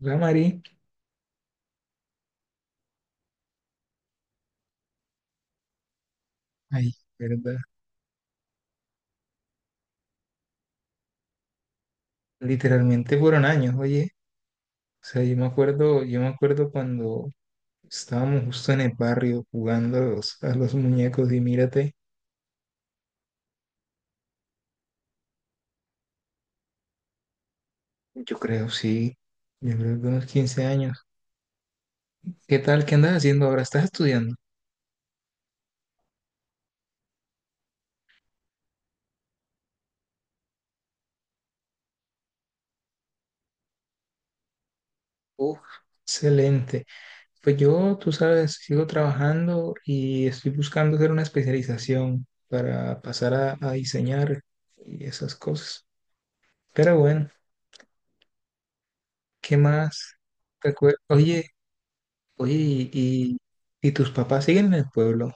Real Madrid. Ay, ¿verdad? Literalmente fueron años, oye. O sea, yo me acuerdo cuando estábamos justo en el barrio jugando a los muñecos y mírate, yo creo, sí, yo creo que unos 15 años. ¿Qué tal? ¿Qué andas haciendo ahora? ¿Estás estudiando? Uf, excelente. Pues yo, tú sabes, sigo trabajando y estoy buscando hacer una especialización para a diseñar y esas cosas. Pero bueno, ¿qué más? Recuer- Oye, Oye, ¿ ¿tus papás siguen en el pueblo?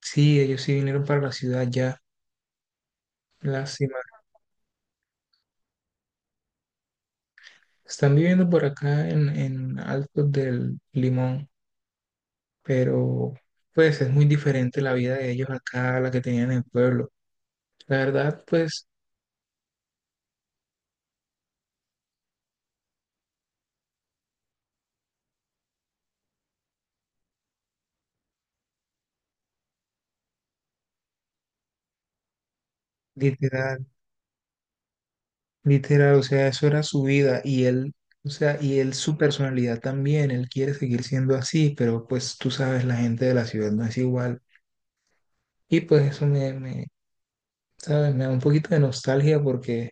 Sí, ellos sí vinieron para la ciudad ya. Lástima. Están viviendo por acá en Altos del Limón, pero pues es muy diferente la vida de ellos acá a la que tenían en el pueblo. La verdad, pues, literal, literal, o sea, eso era su vida y él, o sea, y él su personalidad también, él quiere seguir siendo así, pero pues tú sabes, la gente de la ciudad no es igual. Y pues eso. ¿Sabes? Me da un poquito de nostalgia porque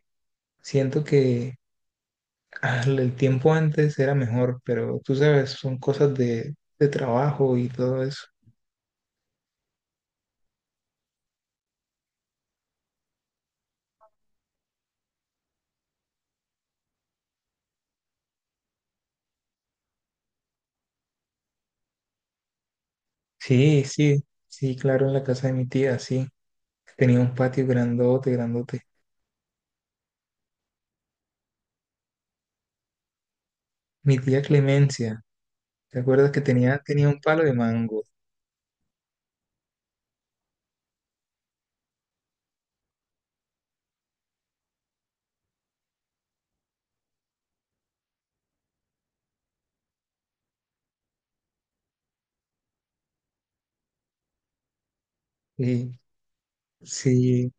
siento que ah, el tiempo antes era mejor, pero tú sabes, son de trabajo y todo eso. Sí, sí, sí, claro, en la casa de mi tía, sí. Tenía un patio grandote, grandote. Mi tía Clemencia, ¿te acuerdas que tenía un palo de mango? Sí, sí,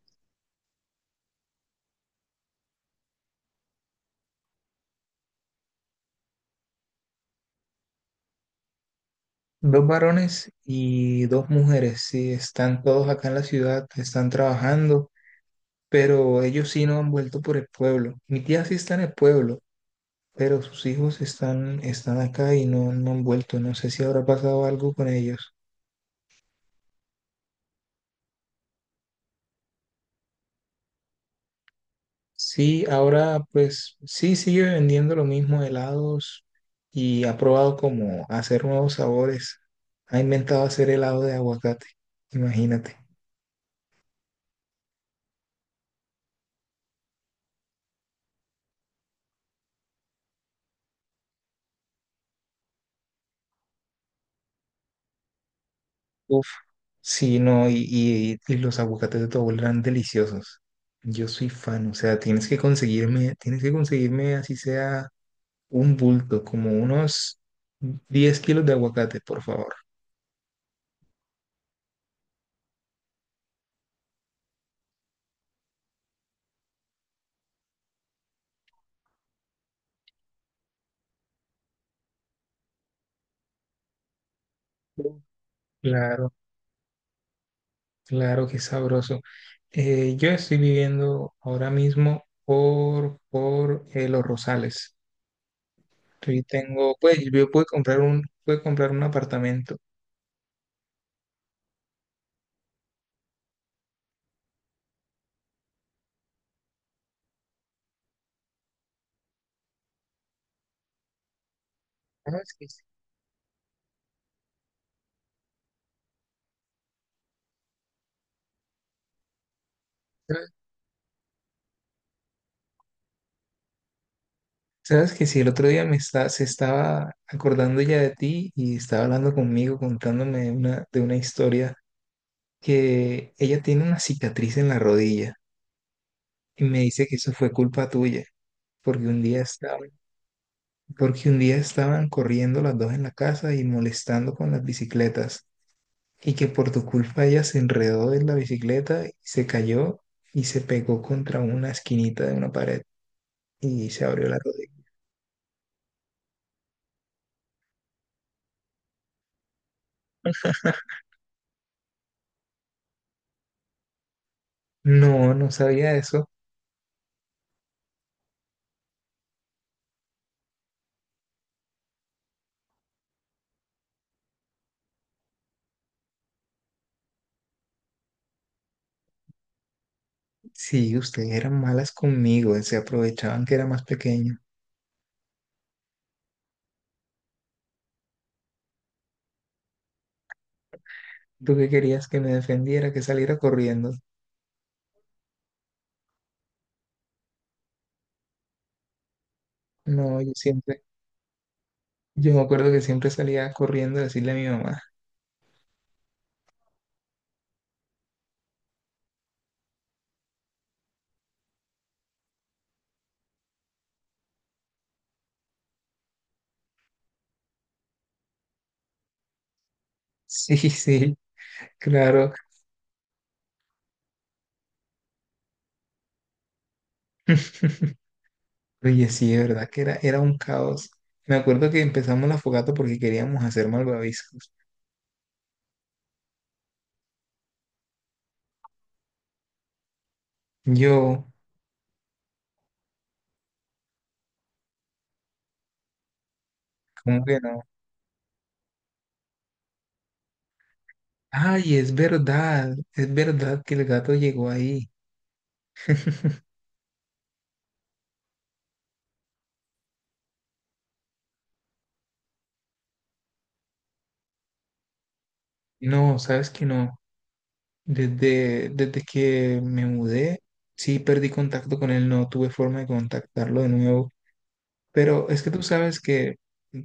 2 varones y 2 mujeres, sí, están todos acá en la ciudad, están trabajando, pero ellos sí no han vuelto por el pueblo. Mi tía sí está en el pueblo, pero sus hijos están acá y no han vuelto. No sé si habrá pasado algo con ellos. Sí, ahora pues sí sigue vendiendo lo mismo, helados, y ha probado como hacer nuevos sabores. Ha inventado hacer helado de aguacate, imagínate. Uf, sí, no, y los aguacates de tu abuela eran deliciosos. Yo soy fan, o sea, tienes que conseguirme así sea un bulto, como unos 10 kilos de aguacate, por favor. Claro, claro, qué sabroso. Yo estoy viviendo ahora mismo por Los Rosales. Yo tengo, pues yo pude comprar un apartamento. ¿Sabes que sí? ¿Sabes sabes que sí? El otro día se estaba acordando ya de ti y estaba hablando conmigo, de una historia que ella tiene una cicatriz en la rodilla y me dice que eso fue culpa tuya, porque un día estaba porque un día estaban corriendo las dos en la casa y molestando con las bicicletas, y que por tu culpa ella se enredó en la bicicleta y se cayó y se pegó contra una esquinita de una pared y se abrió la rodilla. No, no sabía eso. Sí, ustedes eran malas conmigo, se aprovechaban que era más pequeño. ¿Tú qué querías que me defendiera, que saliera corriendo? No, yo me acuerdo que siempre salía corriendo a decirle a mi mamá. Sí, sí, claro. Oye, sí, de verdad que era un caos. Me acuerdo que empezamos la fogata porque queríamos hacer malvaviscos. Yo, ¿cómo que no? Ay, es verdad que el gato llegó ahí. No, sabes que no. Desde que me mudé, sí perdí contacto con él, no tuve forma de contactarlo de nuevo. Pero es que tú sabes que,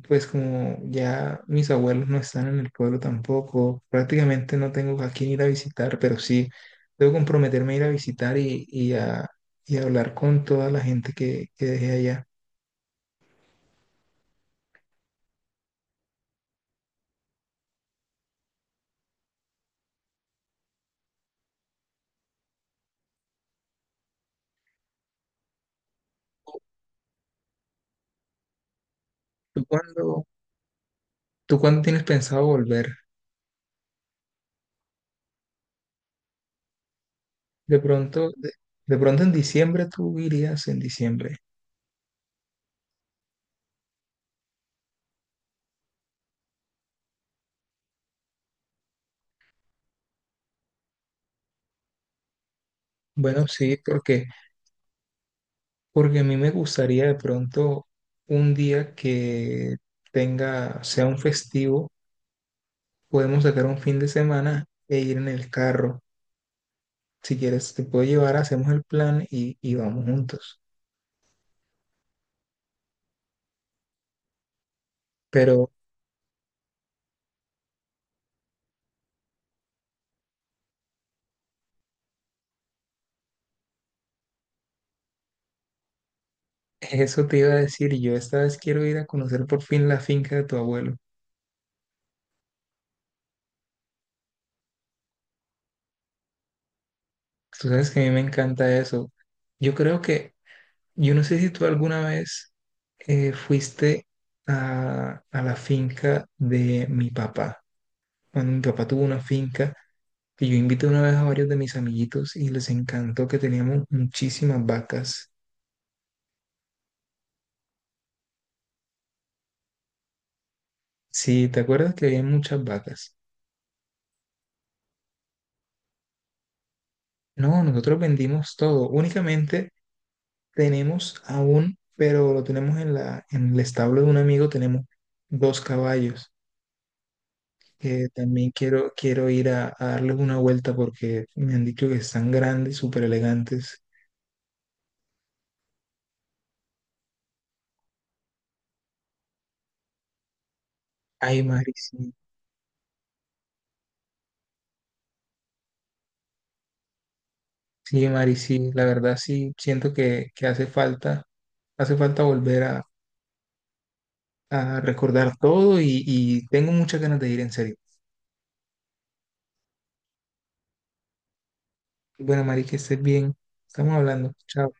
pues como ya mis abuelos no están en el pueblo tampoco, prácticamente no tengo a quién ir a visitar, pero sí debo comprometerme a ir a visitar y a hablar con toda la gente que dejé allá. ¿Tú cuándo, tú cuándo tienes pensado volver? De pronto, de, de pronto en diciembre tú irías en diciembre. Bueno, sí, porque a mí me gustaría de pronto un día que tenga, sea un festivo, podemos sacar un fin de semana e ir en el carro. Si quieres, te puedo llevar, hacemos el plan y vamos juntos. Pero eso te iba a decir, yo esta vez quiero ir a conocer por fin la finca de tu abuelo. Tú sabes que a mí me encanta eso. Yo creo que, yo no sé si tú alguna vez fuiste a la finca de mi papá. Cuando mi papá tuvo una finca, que yo invité una vez a varios de mis amiguitos y les encantó que teníamos muchísimas vacas. Sí, ¿te acuerdas que había muchas vacas? No, nosotros vendimos todo. Únicamente tenemos aún, pero lo tenemos en en el establo de un amigo, tenemos 2 caballos que también quiero ir a darles una vuelta porque me han dicho que están grandes, súper elegantes. Ay, Mari, sí. Sí, Mari, sí. La verdad sí, siento que hace falta a recordar todo y tengo muchas ganas de ir, en serio. Bueno, Mari, que estés bien. Estamos hablando. Chao.